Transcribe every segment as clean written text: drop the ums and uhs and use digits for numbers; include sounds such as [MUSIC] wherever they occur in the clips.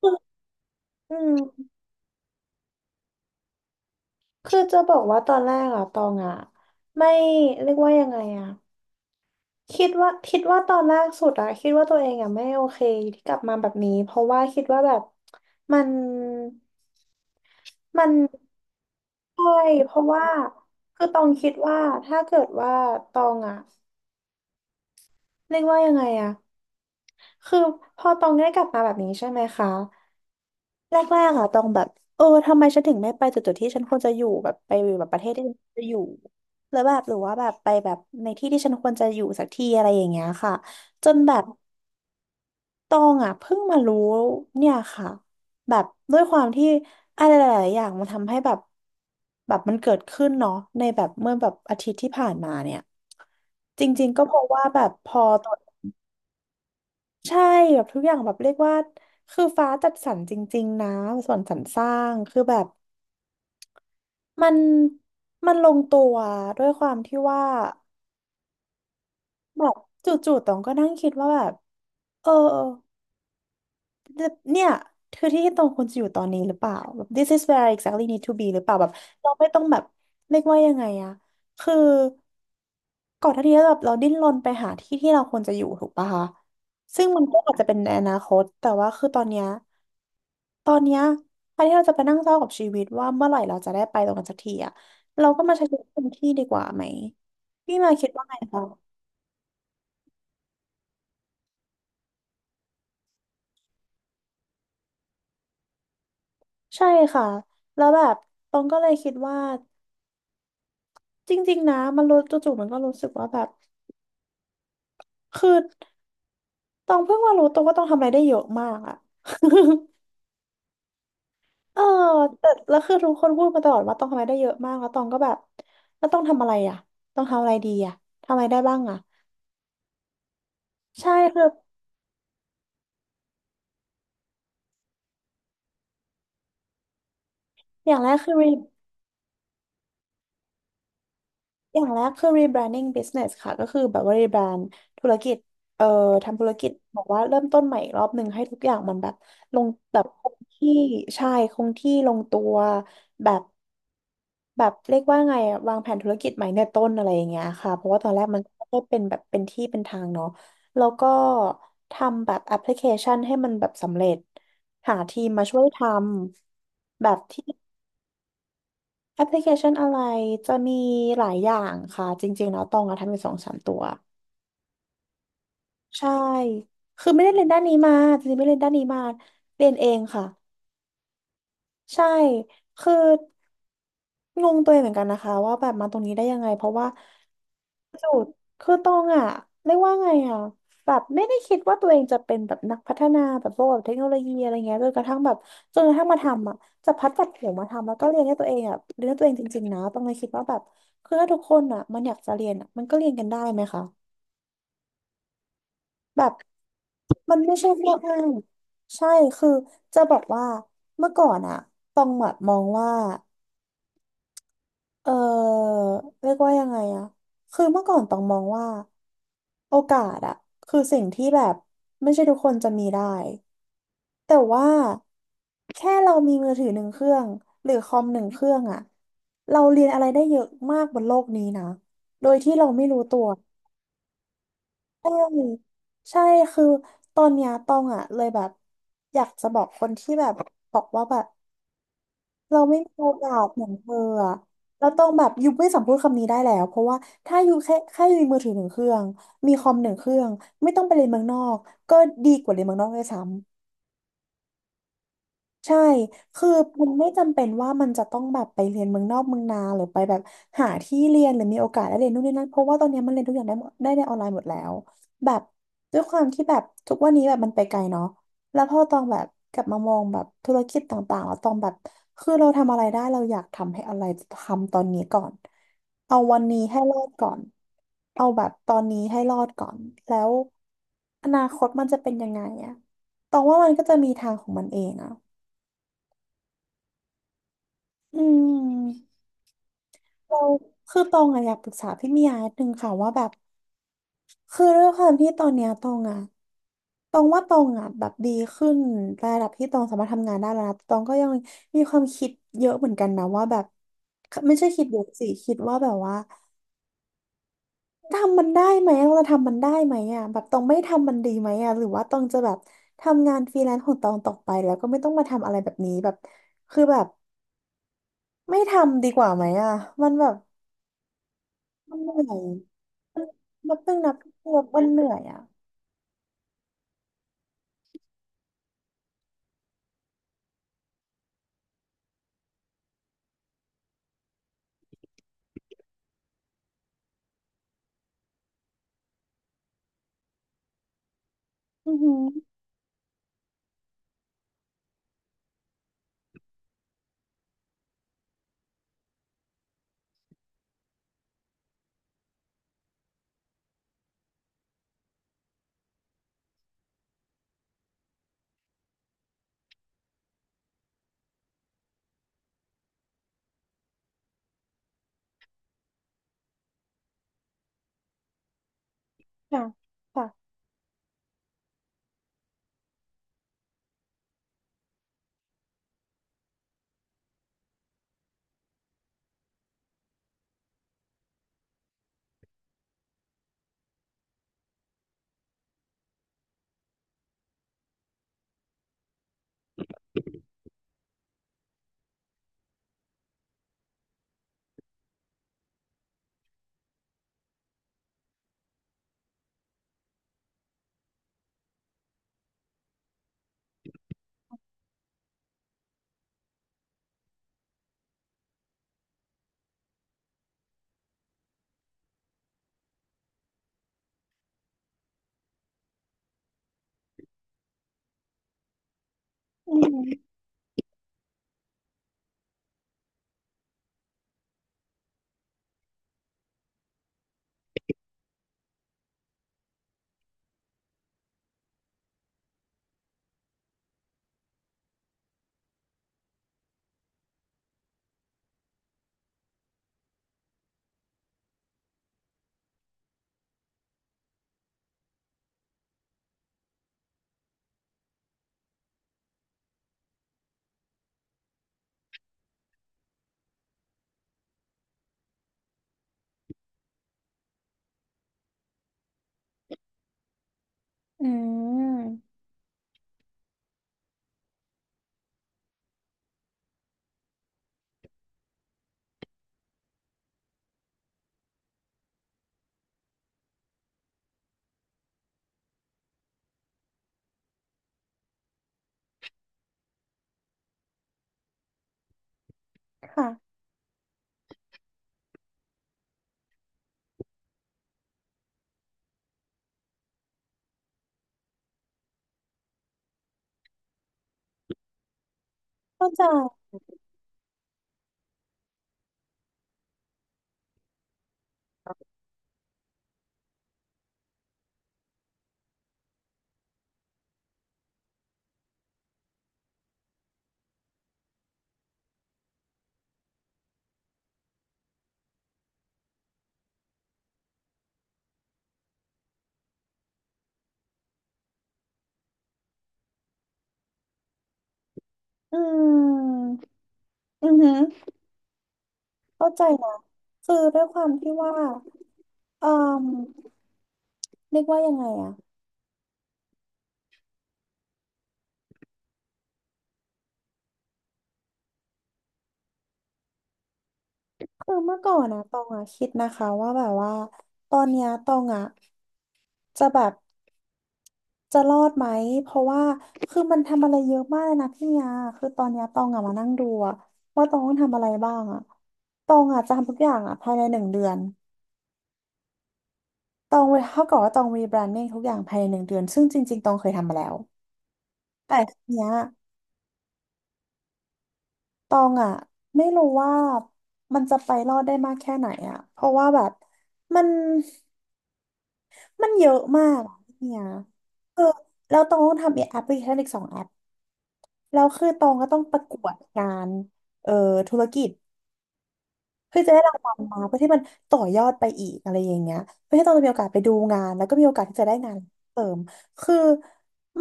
อืมคือจะบอกว่าตอนแรกอะตองอะไม่เรียกว่ายังไงอะคิดว่าตอนแรกสุดอะคิดว่าตัวเองอะไม่โอเคที่กลับมาแบบนี้ เพราะว่าคิดว่าแบบมันมันใช่เพราะว่าคือตองคิดว่า ถ้าเกิดว่าตองอะเรียกว่ายังไงอะคือพอตองได้กลับมาแบบนี้ใช่ไหมคะ แรกๆอะต้องแบบเออทำไมฉันถึงไม่ไปจุดๆที่ฉันควรจะอยู่แบบไปอยู่แบบประเทศที่ฉันควรจะอยู่แล้วแบบหรือว่าแบบไปแบบในที่ที่ฉันควรจะอยู่สักทีอะไรอย่างเงี้ยค่ะจนแบบตองอะเพิ่งมารู้เนี่ยค่ะแบบด้วยความที่อะไรหลายๆอย่างมันทำให้แบบแบบมันเกิดขึ้นเนาะในแบบเมื่อแบบอาทิตย์ที่ผ่านมาเนี่ยจริงๆก็เพราะว่าแบบพอตอนใช่แบบทุกอย่างแบบเรียกว่าคือฟ้าจัดสรรจริงๆนะส่วนสรรสร้างคือแบบ มันมันลงตัวด้วยความที่ว่าแบบจู่ๆตองก็นั่งคิดว่าแบบเออเนี่ยคือที่ตองควรจะอยู่ตอนนี้หรือเปล่าแบบ this is where I exactly need to be หรือเปล่าแบบเราไม่ต้องแบบเรียกว่ายังไงอะคือ ก่อนหน้านี้แบบเราดิ้นรนไปหาที่ที่เราควรจะอยู่ถูกปะคะซึ่งมันก็อาจจะเป็นในอนาคตแต่ว่าคือตอนเนี้ยแทนที่เราจะไปนั่งเศร้ากับชีวิตว่าเมื่อไหร่เราจะได้ไปตรงนั้นสักทีอะเราก็มาใช้ชีวิตเต็มที่ดีกว่าไหมพี่มาคิดว่าไงคะใช่ค่ะแล้วแบบตองก็เลยคิดว่าจริงๆนะมันรู้จู่ๆมันก็รู้สึกว่าแบบคือตองเพิ่งมารู้ตัวว่าตองทำอะไรได้เยอะมากอะ [LAUGHS] เออแต่แล้วคือทุกคนพูดมาตลอดว่าต้องทำอะไรได้เยอะมากแล้วตองก็แบบแล้วต้องทำอะไรอ่ะ ต้องทำอะไรดีอ่ะ ทำอะไรได้บ้างอ่ะ ใช่คืออย่างแรกคือ อย่างแรกคือ rebranding business ค่ะก็คือแบบว่า rebrand ธุรกิจเอ่อทำธุรกิจบอกว่าเริ่มต้นใหม่อีกรอบหนึ่งให้ทุกอย่างมันแบบลงแบบคงที่ใช่คงที่ลงตัวแบบแบบเรียกว่าไงอะวางแผนธุรกิจใหม่ในต้นอะไรอย่างเงี้ยค่ะเพราะว่าตอนแรกมันก็เป็นแบบเป็นที่เป็นทางเนาะแล้วก็ทำแบบแอปพลิเคชันให้มันแบบสำเร็จหาทีมมาช่วยทำแบบที่ แอปพลิเคชันอะไรจะมีหลายอย่างค่ะจริงๆแล้วตองอะทำอยู่สองสามตัวใช่คือไม่ได้เรียนด้านนี้มาจริงๆไม่ได้เรียนด้านนี้มาเรียนเองค่ะใช่คืองงตัวเองเหมือนกันนะคะว่าแบบมาตรงนี้ได้ยังไงเพราะว่า สุดคือตองอ่ะเรียกว่าไงอ่ะแบบไม่ได้คิดว่าตัวเองจะเป็นแบบนักพัฒนาแบบพวกแบบเทคโนโลยีอะไรเงี้ยจนกระทั่งแบบจนกระทั่งมาทำอ่ะจะพัดจัดเขียงมาทำแล้วก็เรียนให้ตัวเองอ่ะเรียนให้ตัวเองจริงๆนะตองเลยคิดว่าแบบคือถ้าทุกคนอ่ะมันอยากจะเรียนอ่ะมันก็เรียนกันได้ไหมคะแบบมันไม่ใช่แค่อ้างใช่คือจะบอกว่าเมื่อก่อนอ่ะตองแบบมองว่า เออเรียกว่ายังไงอะคือเมื่อก่อนต้องมองว่าโอกาสอะคือสิ่งที่แบบไม่ใช่ทุกคนจะมีได้แต่ว่าแค่เรามีมือถือหนึ่งเครื่องหรือคอมหนึ่งเครื่องอะเราเรียนอะไรได้เยอะมากบนโลกนี้นะโดยที่เราไม่รู้ตัวใช่ใช่คือตอนเนี้ยตองอ่ะเลยแบบอยากจะบอกคนที่แบบบอกว่าแบบ เราไม่มีโอกาสเหมือนเธออะเราต้องแบบยูไม่สามารถพูดคำนี้ได้แล้วเพราะว่าถ้ายูแค่ยูมีมือถือหนึ่งเครื่องมีคอมหนึ่งเครื่องไม่ต้องไปเรียนเมืองนอกก็ดีกว่าเรียนเมืองนอกด้วยซ้ ใช่ คือมันไม่จำเป็นว่ามันจะต้องแบบไปเรียนเมืองนอกเมืองนาหรือไปแบบหาที่เรียนหรือมีโอกาสได้เรียนนู่นนี่นั่นเพราะว่าตอนเนี้ยมันเรียนทุกอย่างได้หมดได้ในออนไลน์หมดแล้วแบบด้วยความที่แบบทุกวันนี้แบบมันไปไกลเนาะแล้วพอตองแบบกลับมามองแบบธุรกิจต่างๆแล้วตองแบบคือเราทำอะไรได้เราอยากทำให้อะไรทำตอนนี้ก่อนเอาวันนี้ให้รอดก่อนเอาแบบตอนนี้ให้รอดก่อนแล้วอนาคตมันจะเป็นยังไงอะตองว่ามันก็จะมีทางของมันเองอะ อืมเราคือตองอะอยากปรึกษาพี่มียานิดนึงค่ะว่าแบบคือด้วยความที่ตอนเนี้ยตองอะตองว่าตองอะแบบดีขึ้นระดับที่ตองสามารถทำงานได้แล้วนะตองก็ยังมีความคิดเยอะเหมือนกันนะว่าแบบไม่ใช่คิดเยอะสิคิดว่าแบบว่าทำมันได้ไหมเราจะทำมันได้ไหมอะแบบตองไม่ทำมันดีไหมอะหรือว่าตองจะแบบทำงานฟรีแลนซ์ของตองต่อไปแล้วก็ไม่ต้องมาทำอะไรแบบนี้แบบคือแบบไม่ทำดีกว่าไหมอะมันแบบ มันเหนื่อยมันเพิ่งนับว่ามันเหนื่อยอ่ะอือหือค่ะค่ะอืมค่ะเข้าใจอืมอือหือเข้าใจนะคือด้วยความที่ว่าเอ่อเรียกว่ายังไงอะคือเมื่อก่อนนะตองอะคิดนะคะว่าแบบว่าตอนเนี้ยตองอะจะแบบ จะรอดไหม เพราะว่าคือมันทำอะไรเยอะมากเลยนะพี่ยาคือตอนเนี้ยตองอะมานั่งดูอะว่าตองต้องทำอะไรบ้างอะตองอะจะทำทุกอย่างอะภายในหนึ่งเดือนตองเท่ากับว่าตองรีแบรนดิ้งทุกอย่างภายในหนึ่งเดือน ซึ่งจริงๆตองเคยทำมาแล้ว แต่ทีเนี้ยตองอะไม่รู้ว่ามันจะไปรอดได้มากแค่ไหนอะเพราะว่าแบบมันมันเยอะมากอะพี่ยคือแล้วตองต้องทำแอปพลิเคชันอีก2 แอปแล้วคือตองก็ต้องประกวดงานเอ่อธุรกิจ เพื่อจะได้รางวัลมาเพื่อที่มันต่อยอดไปอีกอะไรอย่างเงี้ยเพื่อที่เราจะมีโอกาสไปดูงานแล้วก็มีโอกาสที่จะได้งานเสริมคือ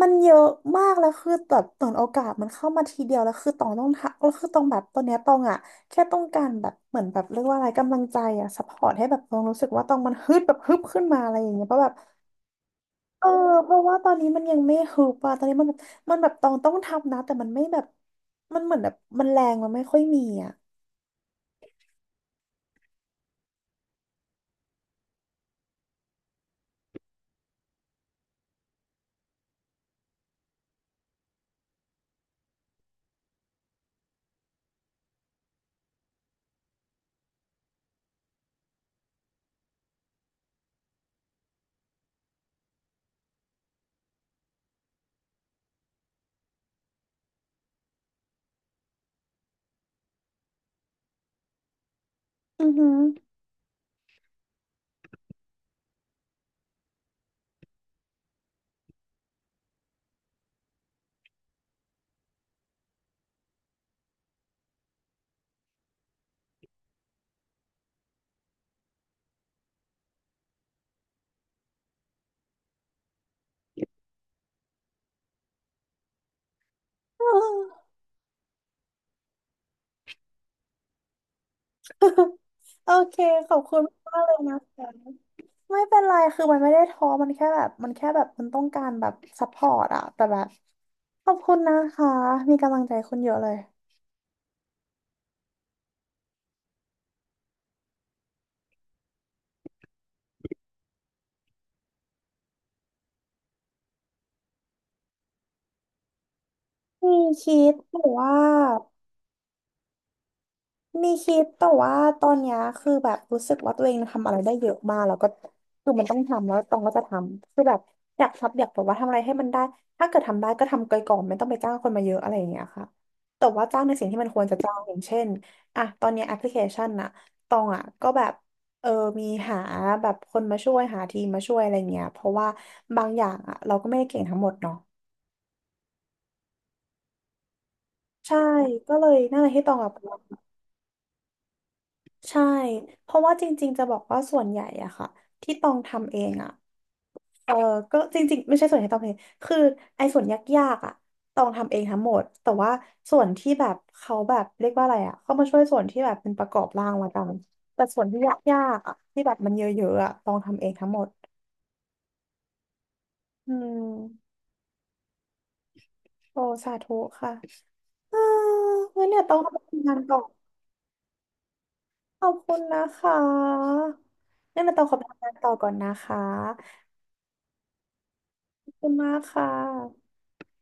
มันเยอะมากแล้วคือแบบตอนโอกาสมันเข้ามาทีเดียวแล้วคือตองต้องทักแล้วคือตองแบบตอนเนี้ยตองอ่ะแค่ต้องการแบบเหมือนแบบเรียกว่าอะไรกำลังใจอ่ะซัพพอร์ตให้แบบตองรู้สึกว่าตองมันฮึดแบบฮึบขึ้นมาอะไรอย่างเงี้ยเพราะแบบเออเพราะว่าตอนนี้มันยังไม่ฮึบอ่ะตอนนี้มันแบบมันแบบตองต้องทำนะแต่มันไม่แบบมันเหมือนแบบมันแรงมันไม่ค่อยมีอ่ะอือหือ โอเคขอบคุณมากเลยนะคะไม่เป็นไร คือมันไม่ได้ท้อมันแค่แบบมันแค่แบบมันต้องการแบบซัพพอร์ตอะแต่แบบขอบคุณนะคะ มีกำลังใจคุณเยอะเลยมีคิดหรือว่า มีคิดแต่ว่าตอนเนี้ยคือแบบรู้สึกว่าตัวเองทำอะไรได้เยอะมากแล้วก็คือมันต้องทำแล้วตองก็จะทำคือแบบอยากทบอยากแบบว่าทำอะไรให้มันได้ถ้าเกิดทำได้ก็ทำไปก่อนไม่ต้องไปจ้างคนมาเยอะอะไรอย่างเงี้ยค่ะแต่ว่าจ้างในสิ่งที่มันควรจะจ้างอย่างเช่นอ่ะตอนเนี้แอปพลิเคชันน่ะตองอ่ะก็แบบเออมีหาแบบคนมาช่วยหาทีมมาช่วยอะไรเงี้ยเพราะว่าบางอย่างอ่ะเราก็ไม่ได้เก่งทั้งหมดเนาะใช่ก็เลยนั่นแหละที่ตองอ่ะ ใช่ เพราะว่าจริงๆจะบอกว่าส่วนใหญ่อะค่ะที่ต้องทำเองอะเออก็จริงๆไม่ใช่ส่วนใหญ่ที่ต้องทำเองคือไอ้ส่วนยากๆอะต้องทำเองทั้งหมดแต่ว่าส่วนที่แบบเขาแบบเรียกว่าอะไรอะเขามาช่วยส่วนที่แบบเป็นประกอบร่างละกันแต่ส่วนที่ยากๆอะที่แบบมันเยอะๆอะต้องทำเองทั้งหมดอืมโอ้สาธุค่ะเอองั้นเนี่ยต้องขอไปทำงานต่อขอบคุณนะคะงั้นเนี่ยต้องขอไปทำงานต่อก่อนนะคะขอบคุณมากค่ะ